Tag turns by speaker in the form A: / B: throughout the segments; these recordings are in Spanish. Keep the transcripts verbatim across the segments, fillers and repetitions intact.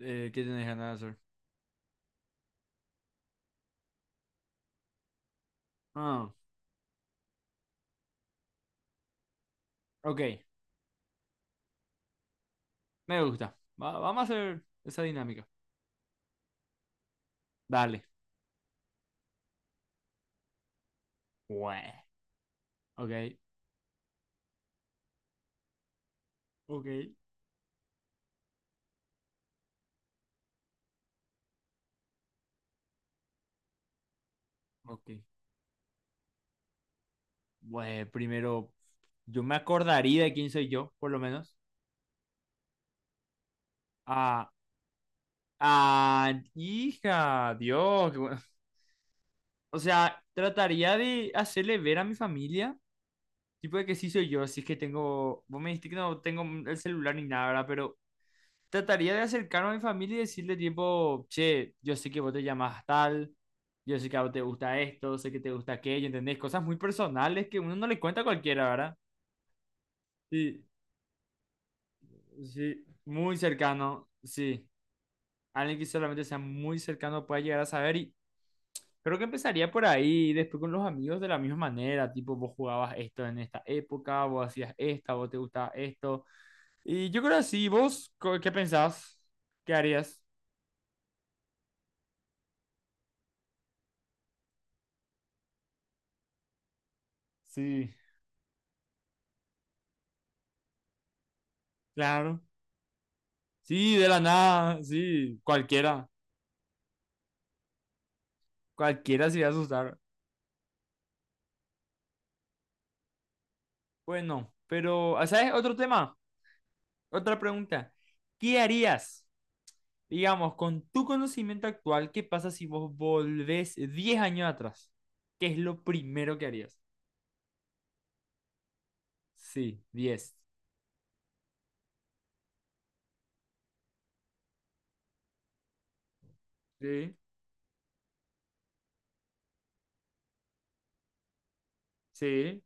A: eh, ¿Qué tienes ganas de hacer? Ah, ok, me gusta. Va- vamos a hacer esa dinámica. Dale. Bueno, ok. Ok. Ok. Bueno, primero, yo me acordaría de quién soy yo, por lo menos. Ah, ah, hija, Dios, qué bueno. O sea, trataría de hacerle ver a mi familia, tipo de que sí soy yo, así que tengo, vos me dijiste que no tengo el celular ni nada, ¿verdad? Pero trataría de acercarme a mi familia y decirle tipo, che, yo sé que vos te llamás tal, yo sé que a vos te gusta esto, sé que te gusta aquello, ¿entendés? Cosas muy personales que uno no le cuenta a cualquiera, ¿verdad? Sí, sí, muy cercano, sí. Alguien que solamente sea muy cercano pueda llegar a saber, y creo que empezaría por ahí y después con los amigos de la misma manera, tipo, vos jugabas esto en esta época, vos hacías esta, vos te gustaba esto. Y yo creo así. ¿Vos co- ¿qué pensás? ¿Qué harías? Sí, claro. Sí, de la nada, sí, cualquiera, cualquiera se iba a asustar. Bueno, pero, ah, ¿sabes? Otro tema, otra pregunta. ¿Qué harías, digamos, con tu conocimiento actual? ¿Qué pasa si vos volvés diez años atrás? ¿Qué es lo primero que harías? Sí, diez. Sí, sí,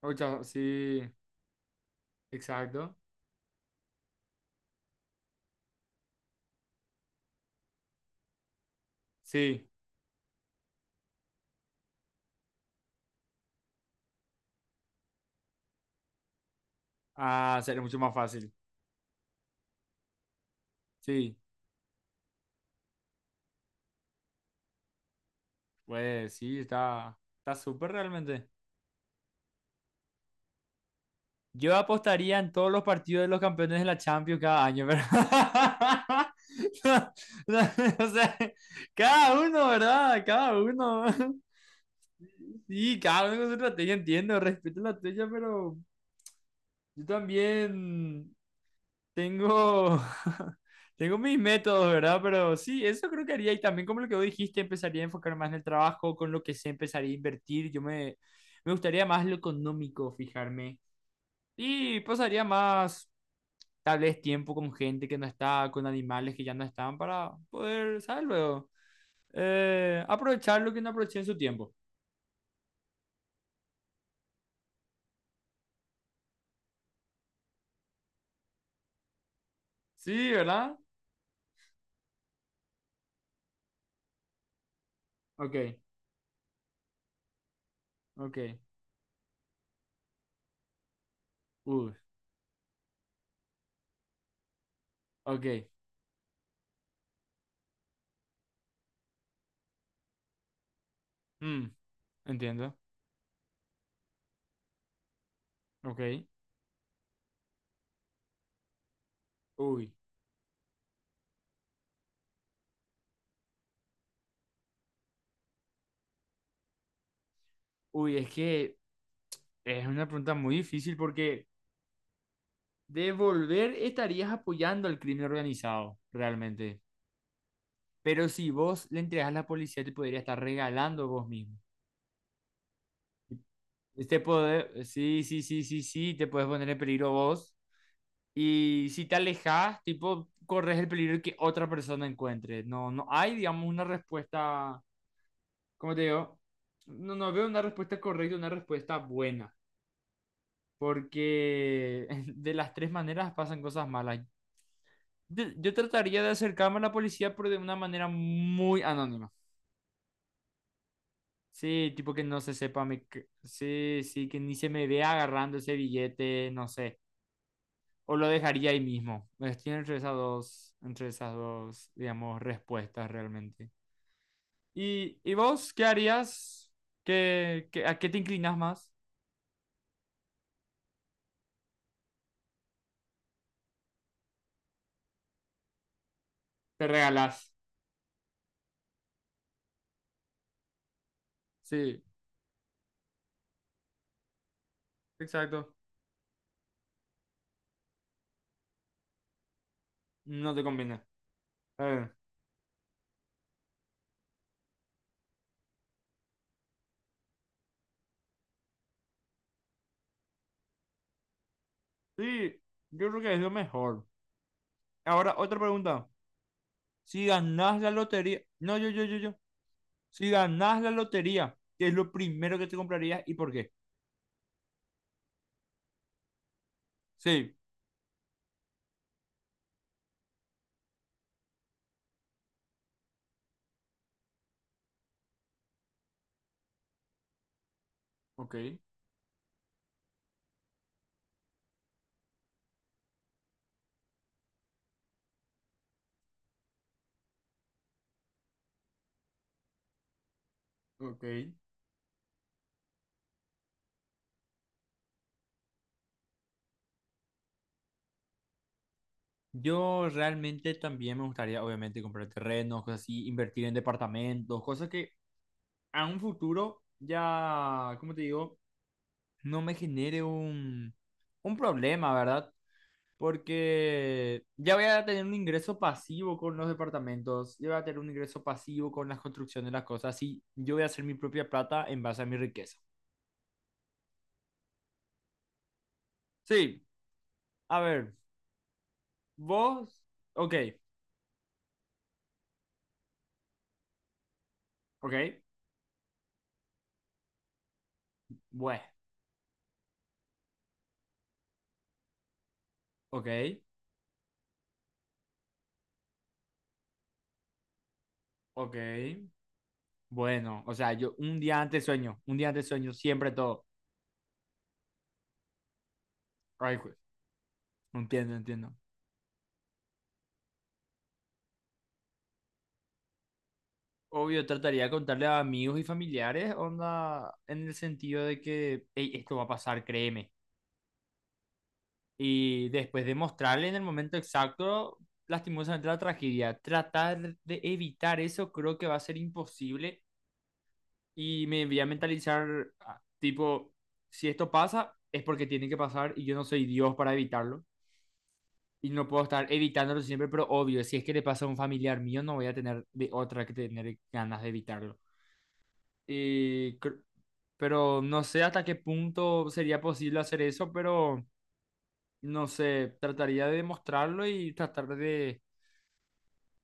A: ocho, sí, exacto. Sí, ah, sería mucho más fácil. Sí, pues sí, está, está súper realmente. Yo apostaría en todos los partidos de los campeones de la Champions cada año, ¿verdad? No, no, o sea, cada uno, ¿verdad? Cada uno. Sí, cada uno con su estrategia, entiendo, respeto la tuya, pero yo también tengo, tengo mis métodos, ¿verdad? Pero sí, eso creo que haría. Y también como lo que vos dijiste, empezaría a enfocar más en el trabajo, con lo que sé, empezaría a invertir. Yo me, me gustaría más lo económico, fijarme. Y pasaría más tal vez tiempo con gente que no está, con animales que ya no están, para poder, ¿sabes? Luego, eh, aprovechar lo que no aproveché en su tiempo. Sí, ¿verdad? Ok, ok, uy, ok, mm, entiendo, ok, uy, uy, es que es una pregunta muy difícil porque devolver estarías apoyando al crimen organizado, realmente. Pero si vos le entregas a la policía, te podría estar regalando vos mismo. Este poder, sí, sí, sí, sí, sí, te puedes poner en peligro vos. Y si te alejas, tipo, corres el peligro de que otra persona encuentre. No, no hay, digamos, una respuesta, ¿cómo te digo? No, no veo una respuesta correcta, una respuesta buena, porque de las tres maneras pasan cosas malas. Yo, yo trataría de acercarme a la policía, pero de una manera muy anónima. Sí, tipo que no se sepa, me, que- sí, sí, que ni se me vea agarrando ese billete, no sé. O lo dejaría ahí mismo. Estoy entre esas dos, entre esas dos, digamos, respuestas realmente. ¿Y, y vos qué harías? ¿Qué, qué, A qué te inclinas más? Te regalás. Sí, exacto. No te conviene. Eh, sí, yo creo que es lo mejor. Ahora, otra pregunta. Si ganás la lotería. No, yo, yo, yo, yo. Si ganás la lotería, ¿qué es lo primero que te comprarías y por qué? Sí. Ok, ok. Yo realmente también me gustaría, obviamente, comprar terrenos, cosas así, invertir en departamentos, cosas que a un futuro ya, como te digo, no me genere un, un problema, ¿verdad? Porque ya voy a tener un ingreso pasivo con los departamentos, ya voy a tener un ingreso pasivo con las construcciones, las cosas así. Yo voy a hacer mi propia plata en base a mi riqueza. Sí, a ver, vos, ok, ok, bueno, ok, ok. Bueno, o sea, yo un día antes sueño, un día antes sueño, siempre todo. Ay, jue- entiendo, entiendo. Obvio, trataría de contarle a amigos y familiares, onda, en el sentido de que "Ey, esto va a pasar, créeme". Y después de mostrarle en el momento exacto, lastimosamente la tragedia, tratar de evitar eso creo que va a ser imposible y me voy a mentalizar, ah, tipo, si esto pasa, es porque tiene que pasar y yo no soy Dios para evitarlo. Y no puedo estar evitándolo siempre, pero obvio, si es que le pasa a un familiar mío, no voy a tener de otra que tener ganas de evitarlo. Y cr- pero no sé hasta qué punto sería posible hacer eso, pero no sé, trataría de demostrarlo y tratar de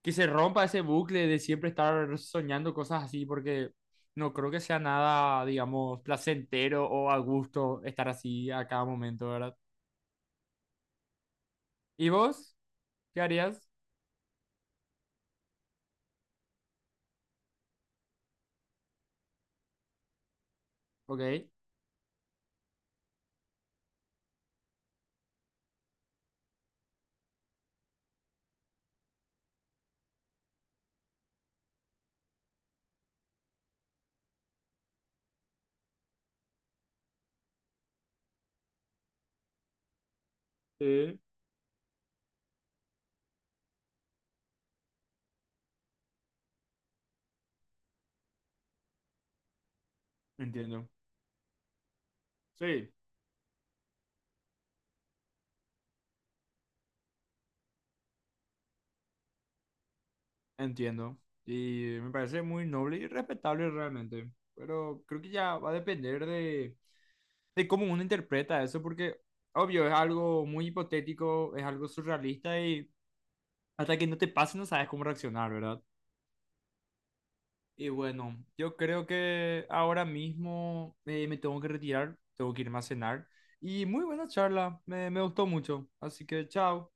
A: que se rompa ese bucle de siempre estar soñando cosas así, porque no creo que sea nada, digamos, placentero o a gusto estar así a cada momento, ¿verdad? ¿Y vos? ¿Qué harías? Ok. Sí. Entiendo. Sí. Entiendo. Y me parece muy noble y respetable realmente. Pero creo que ya va a depender de, de cómo uno interpreta eso, porque obvio, es algo muy hipotético, es algo surrealista y hasta que no te pase no sabes cómo reaccionar, ¿verdad? Y bueno, yo creo que ahora mismo eh, me tengo que retirar, tengo que irme a cenar. Y muy buena charla, me, me gustó mucho. Así que chao.